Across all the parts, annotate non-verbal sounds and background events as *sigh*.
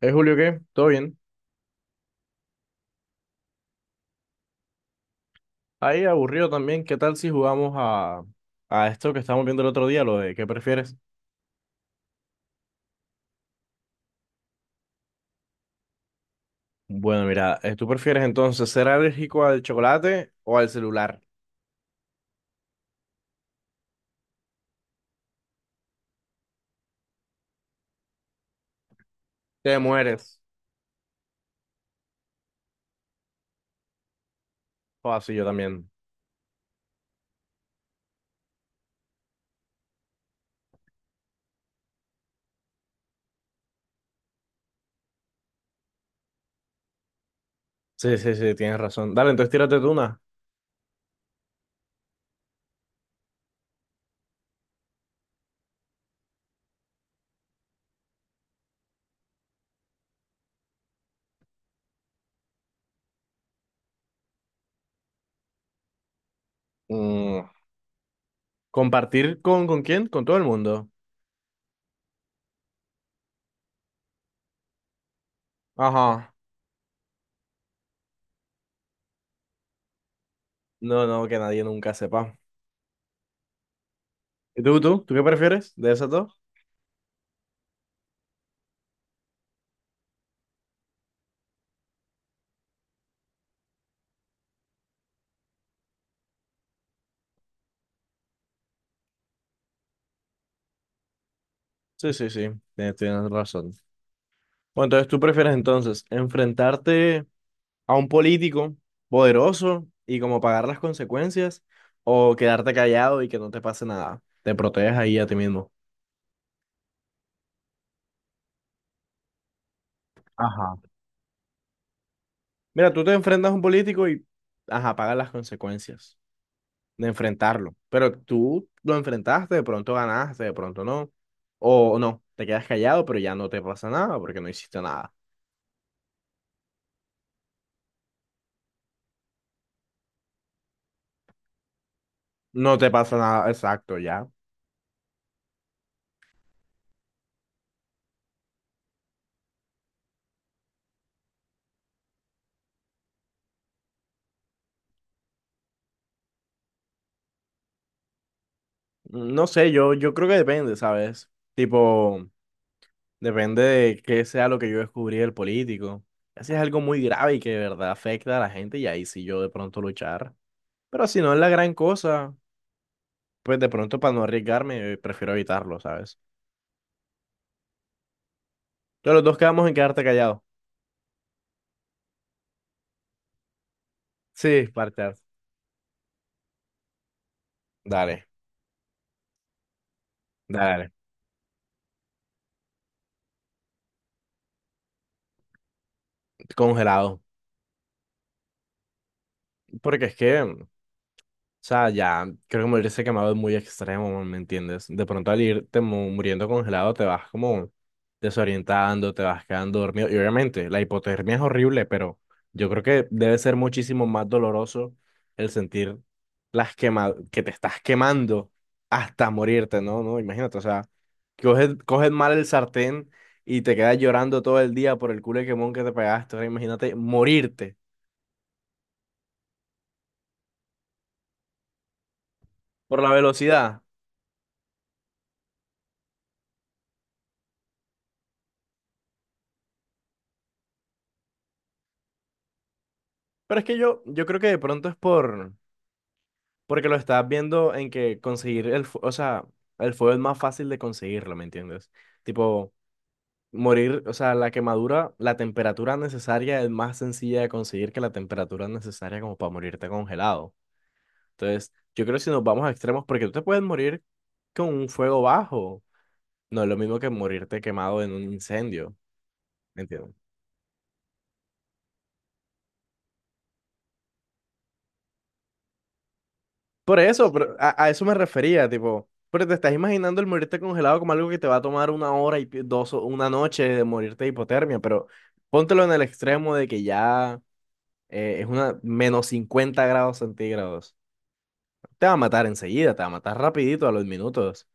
¿Eh, Julio qué? ¿Todo bien? Ahí aburrido también. ¿Qué tal si jugamos a esto que estábamos viendo el otro día, lo de qué prefieres? Bueno, mira, ¿tú prefieres entonces ser alérgico al chocolate o al celular? Te mueres. O así yo también. Sí, sí, sí, tienes razón. Dale, entonces tírate tú una. Mm, ¿Compartir con quién? Con todo el mundo. Ajá. No, no, que nadie nunca sepa. ¿Y tú? ¿Tú qué prefieres de esas dos? Sí, sí, sí, tienes razón. Bueno, entonces tú prefieres entonces enfrentarte a un político poderoso y como pagar las consecuencias o quedarte callado y que no te pase nada. Te proteges ahí a ti mismo. Ajá. Mira, tú te enfrentas a un político y, ajá, pagas las consecuencias de enfrentarlo, pero tú lo enfrentaste, de pronto ganaste, de pronto no, o no, te quedas callado, pero ya no te pasa nada porque no hiciste nada. No te pasa nada, exacto, ya. No sé, yo creo que depende, ¿sabes? Tipo... Depende de qué sea lo que yo descubrí del político. Así es algo muy grave y que de verdad afecta a la gente, y ahí sí yo de pronto luchar. Pero si no es la gran cosa, pues de pronto para no arriesgarme, prefiero evitarlo, ¿sabes? Entonces los dos quedamos en quedarte callado. Sí, parchar. Dale, dale. Congelado. Porque es que, o sea, ya creo que morirse quemado es muy extremo, ¿me entiendes? De pronto al irte muriendo congelado te vas como desorientando, te vas quedando dormido. Y obviamente la hipotermia es horrible, pero yo creo que debe ser muchísimo más doloroso el sentir las quema que te estás quemando hasta morirte, ¿no? No, imagínate, o sea, coges mal el sartén y te quedas llorando todo el día por el culo de quemón que te pegaste. Ahora imagínate morirte por la velocidad. Pero es que yo creo que de pronto es por... Porque lo estás viendo en que conseguir o sea, el fuego es más fácil de conseguirlo, ¿me entiendes? Tipo, morir, o sea, la quemadura, la temperatura necesaria es más sencilla de conseguir que la temperatura necesaria como para morirte congelado. Entonces, yo creo que si nos vamos a extremos, porque tú te puedes morir con un fuego bajo, no es lo mismo que morirte quemado en un incendio, ¿me entiendes? Por eso, pero a eso me refería, tipo, pero te estás imaginando el morirte congelado como algo que te va a tomar una hora y dos, o una noche de morirte de hipotermia, pero póntelo en el extremo de que ya es una -50 grados centígrados. Te va a matar enseguida, te va a matar rapidito a los minutos.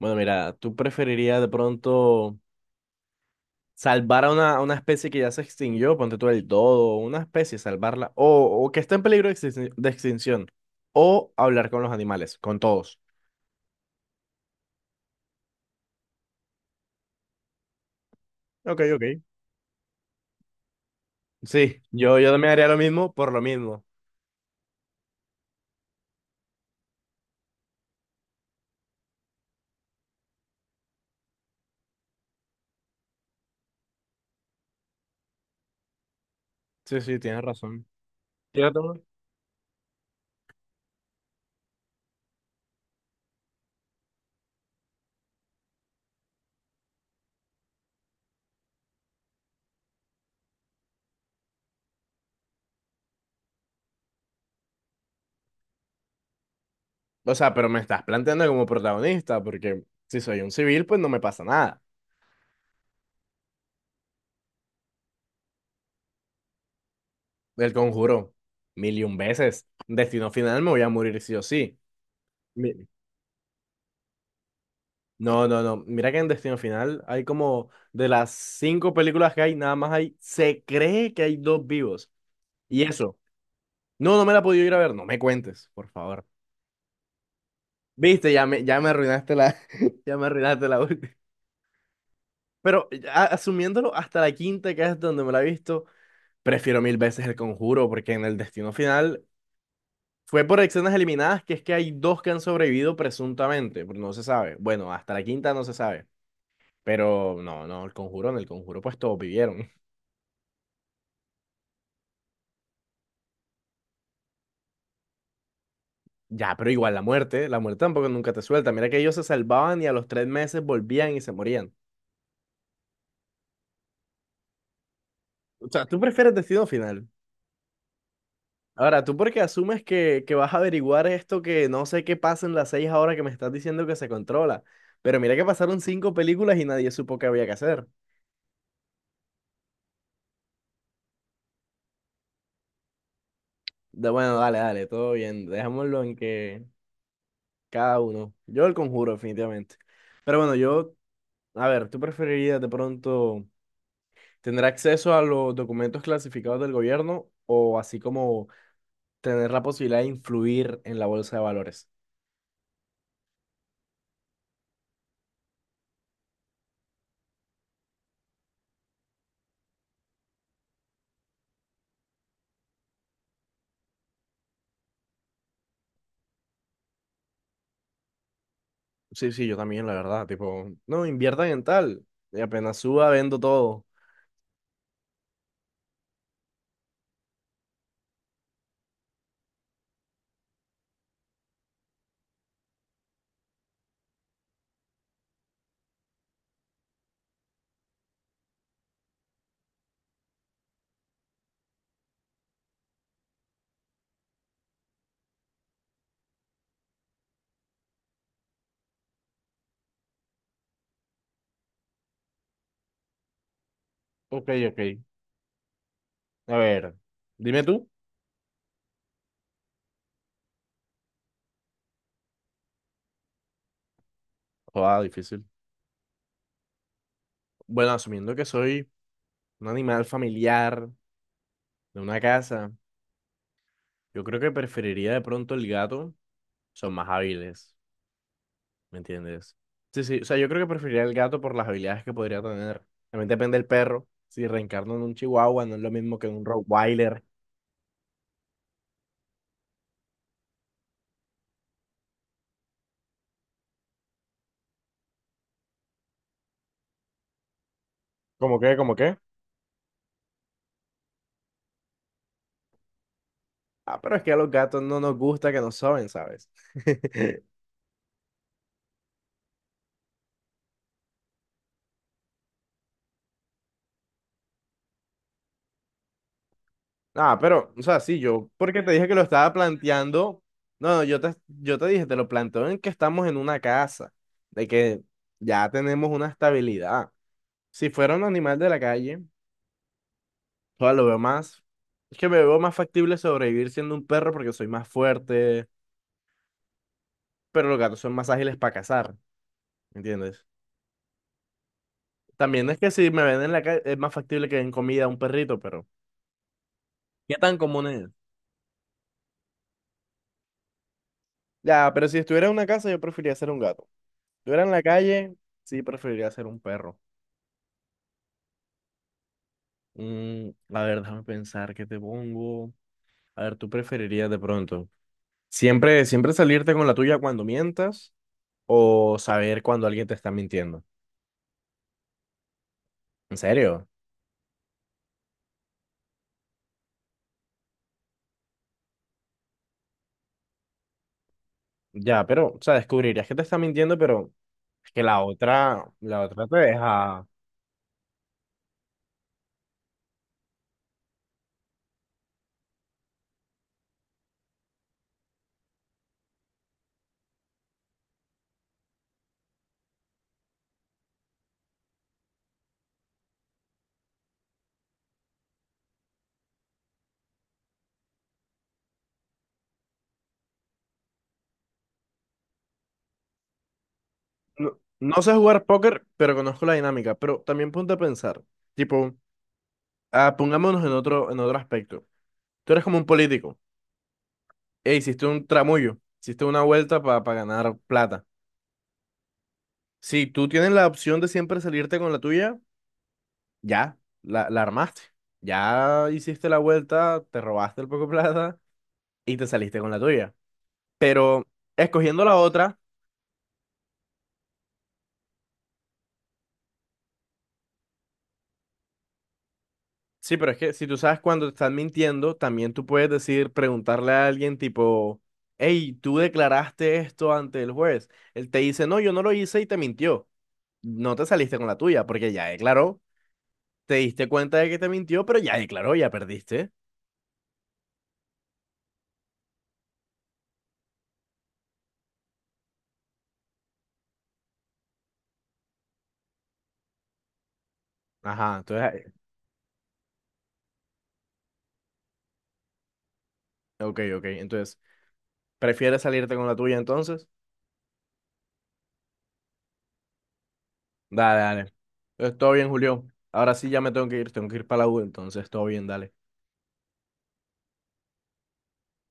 Bueno, mira, tú preferirías de pronto salvar a a una especie que ya se extinguió, ponte tú el dodo, una especie, salvarla, o que está en peligro de extin- de extinción, o hablar con los animales, con todos. Ok, ok. Sí, yo también haría lo mismo por lo mismo. Sí, sí, tienes razón. Fíjate, man. O sea, pero me estás planteando como protagonista, porque si soy un civil, pues no me pasa nada. El Conjuro, mil y un veces. Destino Final me voy a morir sí o sí. Mi- No, no, no. Mira que en Destino Final hay como de las cinco películas que hay, nada más hay, se cree que hay dos vivos. Y eso. No, no me la he podido ir a ver. No me cuentes, por favor. Viste, ya me arruinaste la, *laughs* ya me arruinaste la última. Pero asumiéndolo hasta la quinta, que es donde me la he visto, prefiero mil veces El Conjuro, porque en el Destino Final fue por escenas eliminadas, que es que hay dos que han sobrevivido presuntamente, pero no se sabe. Bueno, hasta la quinta no se sabe. Pero no, no, El Conjuro, en El Conjuro pues todos vivieron. *laughs* Ya, pero igual la muerte tampoco nunca te suelta. Mira que ellos se salvaban y a los 3 meses volvían y se morían. O sea, ¿tú prefieres Destino Final? Ahora, ¿tú por qué asumes que vas a averiguar esto que no sé qué pasa en las seis ahora que me estás diciendo que se controla? Pero mira que pasaron cinco películas y nadie supo qué había que hacer. Bueno, dale, dale, todo bien. Dejémoslo en que cada uno. Yo el Conjuro, definitivamente. Pero bueno, yo, a ver, ¿tú preferirías de pronto tener acceso a los documentos clasificados del gobierno o así como tener la posibilidad de influir en la bolsa de valores? Sí, sí, yo también, la verdad. Tipo, no, inviertan en tal. Y apenas suba, vendo todo. Ok, ok. A ver, dime tú. Joder, difícil. Bueno, asumiendo que soy un animal familiar de una casa, yo creo que preferiría de pronto el gato. Son más hábiles, ¿me entiendes? Sí, sí, o sea, yo creo que preferiría el gato por las habilidades que podría tener. También depende del perro. Si reencarno en un chihuahua, no es lo mismo que en un Rottweiler. ¿Cómo qué? ¿Cómo qué? Ah, pero es que a los gatos no nos gusta que nos soben, ¿sabes? *laughs* Ah, pero, o sea, sí, yo, porque te dije que lo estaba planteando, no, no, yo te dije, te lo planteo en que estamos en una casa, de que ya tenemos una estabilidad. Si fuera un animal de la calle, o sea, lo veo más, es que me veo más factible sobrevivir siendo un perro porque soy más fuerte, pero los gatos son más ágiles para cazar, ¿me entiendes? También es que si me ven en la calle, es más factible que den comida a un perrito, pero ¿qué tan común es? Ya, pero si estuviera en una casa, yo preferiría ser un gato. Si estuviera en la calle, sí preferiría ser un perro. A ver, déjame pensar qué te pongo. A ver, ¿tú preferirías de pronto siempre, siempre salirte con la tuya cuando mientas o saber cuando alguien te está mintiendo? ¿En serio? Ya, pero, o sea, descubrirías que te está mintiendo, pero es que la otra te deja. No, no sé jugar póker, pero conozco la dinámica. Pero también ponte a pensar, tipo, pongámonos en en otro aspecto. Tú eres como un político. E hiciste un tramullo, hiciste una vuelta para ganar plata. Si tú tienes la opción de siempre salirte con la tuya, ya, la armaste. Ya hiciste la vuelta, te robaste el poco *laughs* plata y te saliste con la tuya. Pero escogiendo la otra, sí, pero es que si tú sabes cuando te están mintiendo, también tú puedes decir, preguntarle a alguien tipo, hey, tú declaraste esto ante el juez. Él te dice, no, yo no lo hice y te mintió. No te saliste con la tuya porque ya declaró, te diste cuenta de que te mintió, pero ya declaró, ya perdiste. Ajá, entonces, ok, ok, entonces... ¿Prefieres salirte con la tuya entonces? Dale, dale. Pues, todo bien, Julio. Ahora sí ya me tengo que ir para la U, entonces todo bien, dale.